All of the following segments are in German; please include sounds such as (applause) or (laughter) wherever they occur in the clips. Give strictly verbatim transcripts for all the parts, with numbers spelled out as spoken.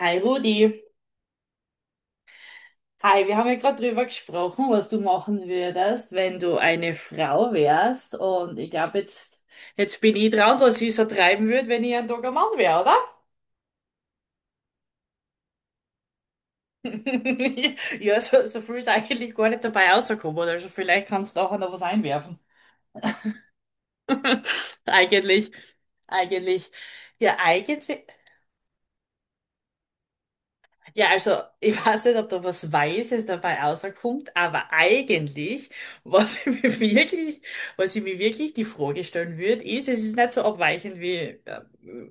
Hi Rudi. Hi, wir haben ja gerade drüber gesprochen, was du machen würdest, wenn du eine Frau wärst. Und ich glaube, jetzt, jetzt bin ich dran, was ich so treiben würde, wenn ich ein Tag ein Mann wäre, oder? (laughs) Ja, so, so viel ist eigentlich gar nicht dabei rausgekommen. Also vielleicht kannst du auch noch was einwerfen. (laughs) Eigentlich, eigentlich. Ja, eigentlich. Ja, also ich weiß nicht, ob da was Weises dabei rauskommt, aber eigentlich, was (laughs) ich mir wirklich, was ich mir wirklich die Frage stellen würde, ist, es ist nicht so abweichend wie, äh,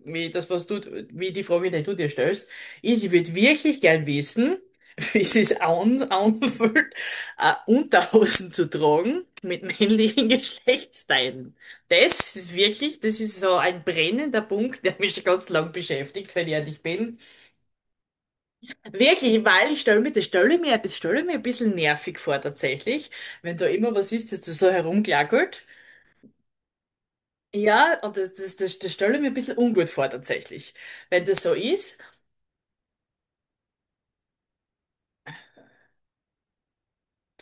wie das, was du, wie die Frage, die du dir stellst, ist, ich würde wirklich gern wissen, (laughs) wie es sich an, anfühlt, äh, Unterhosen zu tragen mit männlichen (laughs) Geschlechtsteilen. Das ist wirklich, das ist so ein brennender Punkt, der mich schon ganz lang beschäftigt, wenn ich ehrlich bin. Wirklich, weil ich stelle mir, das stelle mir, das stelle ich mir ein bisschen nervig vor tatsächlich, wenn da immer was ist, das da so herumgackelt. Ja, und das, das, das, das stelle ich mir ein bisschen ungut vor tatsächlich. Wenn das so ist,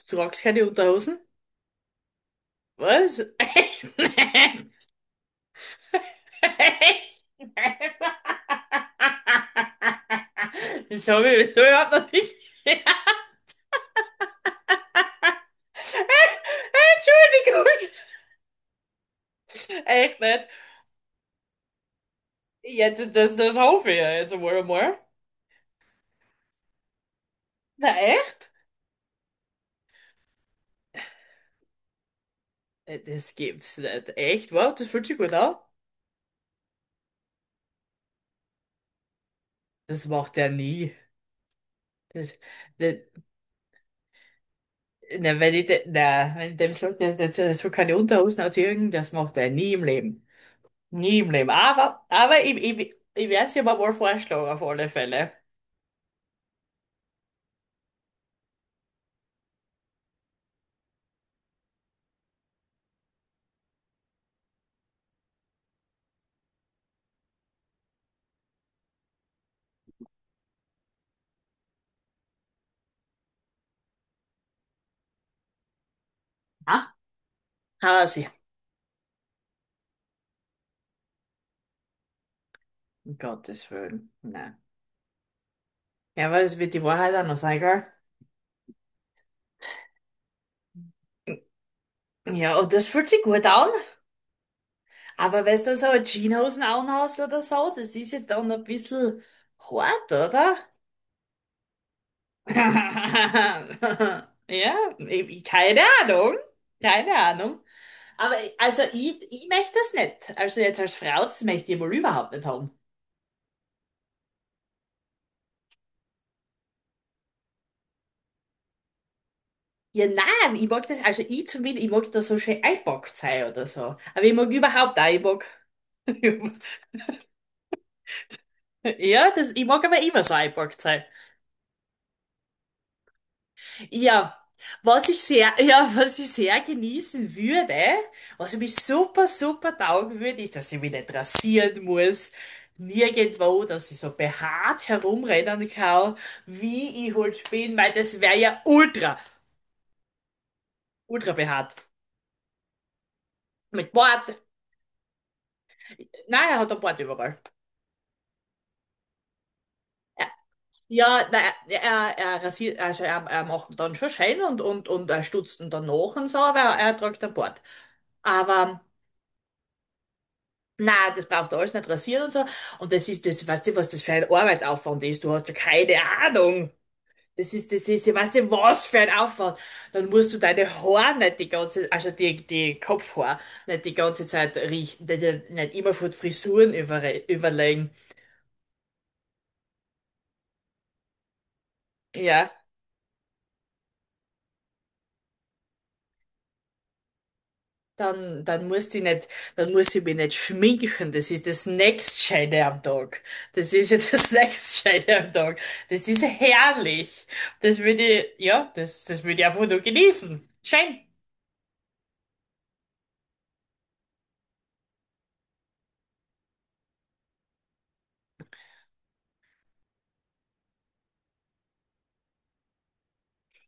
du tragst keine Unterhosen? Was? (laughs) Echt? Nein. Echt? Nein. Das habe ich, das hab ich so überhaupt noch nicht. (laughs) Entschuldigung. Echt nicht? Ja, das, das, das hoffe ich ja jetzt einmal einmal. Na echt? Äh, Das gibt's nicht. Echt? Wow, das fühlt sich gut an. Das macht er nie. Das, das, na, wenn ich, de, na, wenn ich dem sage, der, der, der soll keine Unterhosen anziehen, das macht er nie im Leben. Nie im Leben. Aber, aber ich, ich, ich werde es ihm mal vorschlagen, auf alle Fälle. Ja? Ah, sie, um Gottes Willen. Nein. Ja, aber es wird die Wahrheit auch noch sein, gell? Ja, und das fühlt sich gut an. Aber wenn du so eine Jeanshosen anhast oder so, das ist ja dann ein bisschen hart, oder? (laughs) Ja, ich- keine Ahnung. Keine Ahnung. Aber also ich, ich möchte das nicht. Also jetzt als Frau, das möchte ich wohl überhaupt nicht haben. Ja, nein, ich mag das, also ich zumindest, ich mag da so schön eingepackt sein oder so. Aber ich mag überhaupt auch, ich mag, (laughs) ja, das, ich mag aber immer so eingepackt sein. Ja, was ich sehr, (laughs) ja, was ich sehr genießen würde, was mich super, super taugen würde, ist, dass ich mich nicht rasieren muss. Nirgendwo, dass ich so behaart herumrennen kann, wie ich halt bin, weil das wäre ja ultra, ultra behaart. Mit Bart, nein, er hat einen Bart überall. Ja, na, er, er, er rasiert, also er, er macht ihn dann schon schön und, und, und er stutzt ihn dann nach und so, aber er trägt einen Bart. Aber na, das braucht alles nicht rasieren und so. Und das ist das, weißt du, was das für ein Arbeitsaufwand ist? Du hast ja keine Ahnung. Das ist, das ist, ja, weißt du, was für ein Aufwand. Dann musst du deine Haare nicht die ganze, also die, die Kopfhaare nicht die ganze Zeit richten, nicht, nicht immer von Frisuren über, überlegen. Ja. Dann, dann muss ich nicht, dann muss ich mich nicht schminken. Das ist das nächstscheide am Tag. Das ist ja das (laughs) nächstscheide am Tag. Das ist ja herrlich. Das würde ich, ja, das, das würde ich einfach nur genießen. Schön.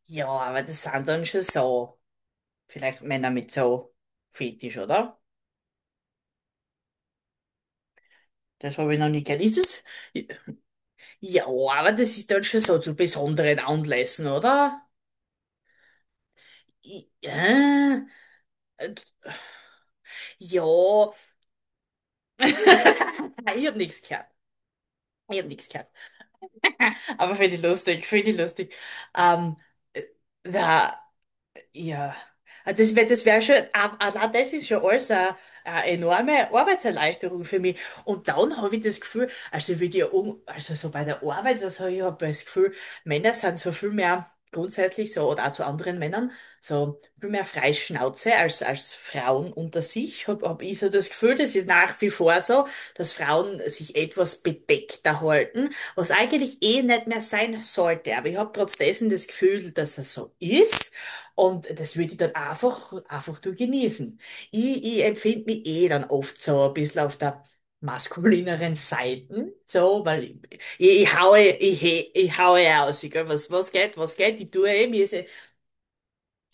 Ja, aber das sind dann schon so, vielleicht Männer mit so Fetisch, oder? Das habe ich noch nie gehört. Ist das? Ja, aber das ist dann schon so zu besonderen Anlässen, oder? Ja, ja. (laughs) Ich habe nichts gehört. Ich habe nichts gehört. (laughs) Aber finde ich lustig, finde ich lustig. Ähm, äh, da, ja, Ah, das wäre das wär schon, ah, allein das ist schon alles eine, eine enorme Arbeitserleichterung für mich. Und dann habe ich das Gefühl, also wie die, um, also so bei der Arbeit, das habe ich hab das Gefühl, Männer sind so viel mehr grundsätzlich so, oder auch zu anderen Männern, so viel mehr Freischnauze als, als Frauen unter sich. Habe hab hab ich so das Gefühl, das ist nach wie vor so, dass Frauen sich etwas bedeckter halten, was eigentlich eh nicht mehr sein sollte. Aber ich habe trotzdem das Gefühl, dass es so ist. Und das würde ich dann einfach, einfach durch genießen. Ich, ich empfinde mich eh dann oft so ein bisschen auf der maskulineren Seiten, so, weil ich, ich haue, ich, he- ich haue aus, ich gell, was, was geht, was geht, ich tue eh, mir ist eh,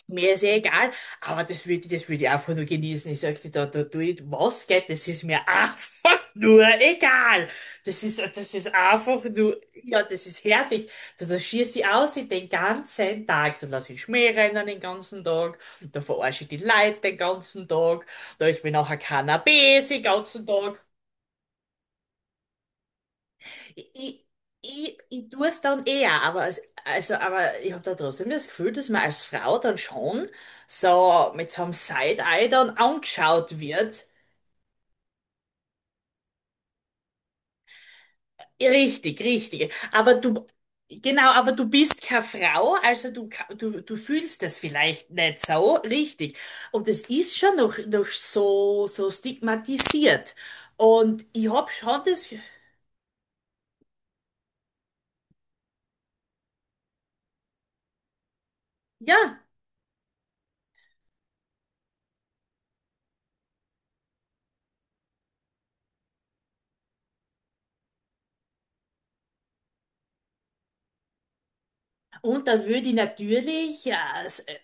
mir ist eh egal, aber das würde das würd ich einfach nur genießen. Ich sag dir, da, da tue ich was geht, das ist mir einfach (laughs) nur egal. Das ist, das ist einfach nur, ja, das ist herrlich. Da, da schießt ich aus in den ganzen Tag. Da lass ich Schmäh rennen den ganzen Tag. Da verarsche ich die Leute den ganzen Tag. Da ist mir nachher Cannabis den ganzen Tag. Ich, ich, ich tue es dann eher, aber, als- also, aber ich habe da trotzdem das Gefühl, dass man als Frau dann schon so mit so einem Side-Eye dann angeschaut wird. Richtig, richtig. Aber du, genau, aber du bist keine Frau, also du, ka- du, du fühlst das vielleicht nicht so richtig. Und es ist schon noch, noch so, so stigmatisiert. Und ich habe schon das, ja, und dann würde ich natürlich, ja, s- äh,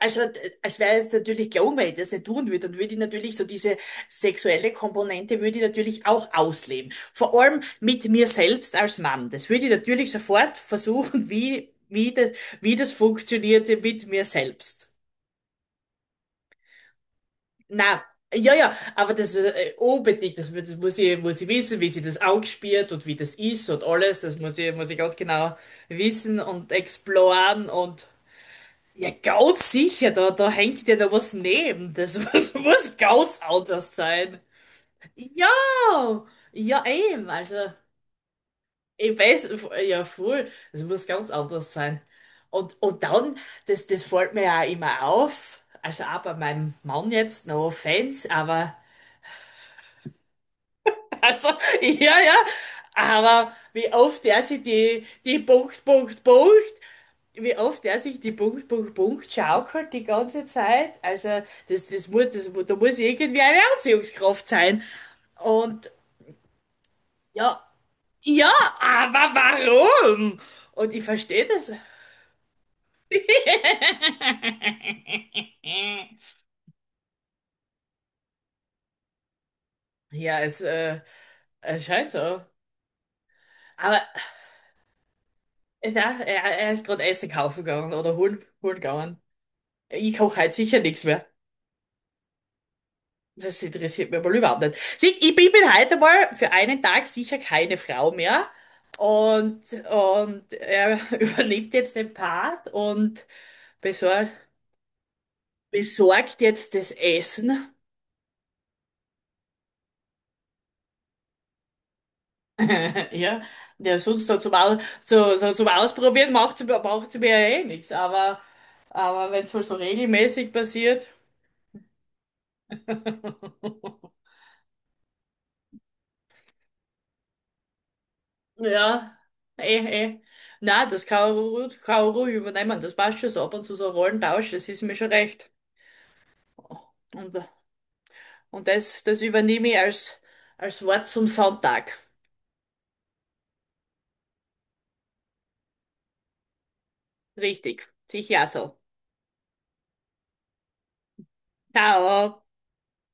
also äh, es wäre jetzt natürlich klar, wenn ich das nicht tun würde, dann würde ich natürlich so diese sexuelle Komponente würde ich natürlich auch ausleben. Vor allem mit mir selbst als Mann. Das würde ich natürlich sofort versuchen, (laughs) wie, wie das, wie das funktionierte mit mir selbst. Na, ja, ja, aber das äh, unbedingt, das, das muss ich, muss ich wissen, wie sie das ausspielt und wie das ist und alles, das muss ich, muss ich ganz genau wissen und exploren und ja, ganz sicher, da, da hängt ja da was neben. Das (laughs) muss, muss ganz anders sein. Ja, ja eben, also ich weiß, ja voll, das muss ganz anders sein. Und, und dann, das, das fällt mir ja immer auf, also auch bei meinem Mann jetzt, no offense, aber also, ja, ja. Aber wie oft der sich die, die Punkt, Punkt, Punkt, wie oft der sich die Punkt, Punkt, Punkt schaukelt die ganze Zeit. Also, das, das muss, das, mu- da muss irgendwie eine Anziehungskraft sein. Und ja, ja, aber warum? Und ich verstehe das. (laughs) Ja, es, äh, es scheint so. Aber äh, na, er, er ist gerade Essen kaufen gegangen oder holen, holen gegangen. Ich koche halt sicher nichts mehr. Das interessiert mich aber überhaupt nicht. Sieh, ich bin bin heute mal für einen Tag sicher keine Frau mehr. Und, und er (laughs) übernimmt jetzt den Part und besor besorgt jetzt das Essen. (laughs) Ja, der sonst so zum, Au so, so zum Ausprobieren macht, macht mir ja eh nichts. Aber, aber wenn es wohl so regelmäßig passiert. (laughs) Ja, eh, eh. Na, das Kaoru, Kaoru übernehmen, das passt schon so ab und zu so Rollentausch, das ist mir schon recht. Und, und das, das übernehme ich als, als Wort zum Sonntag. Richtig, sicher so. Ciao.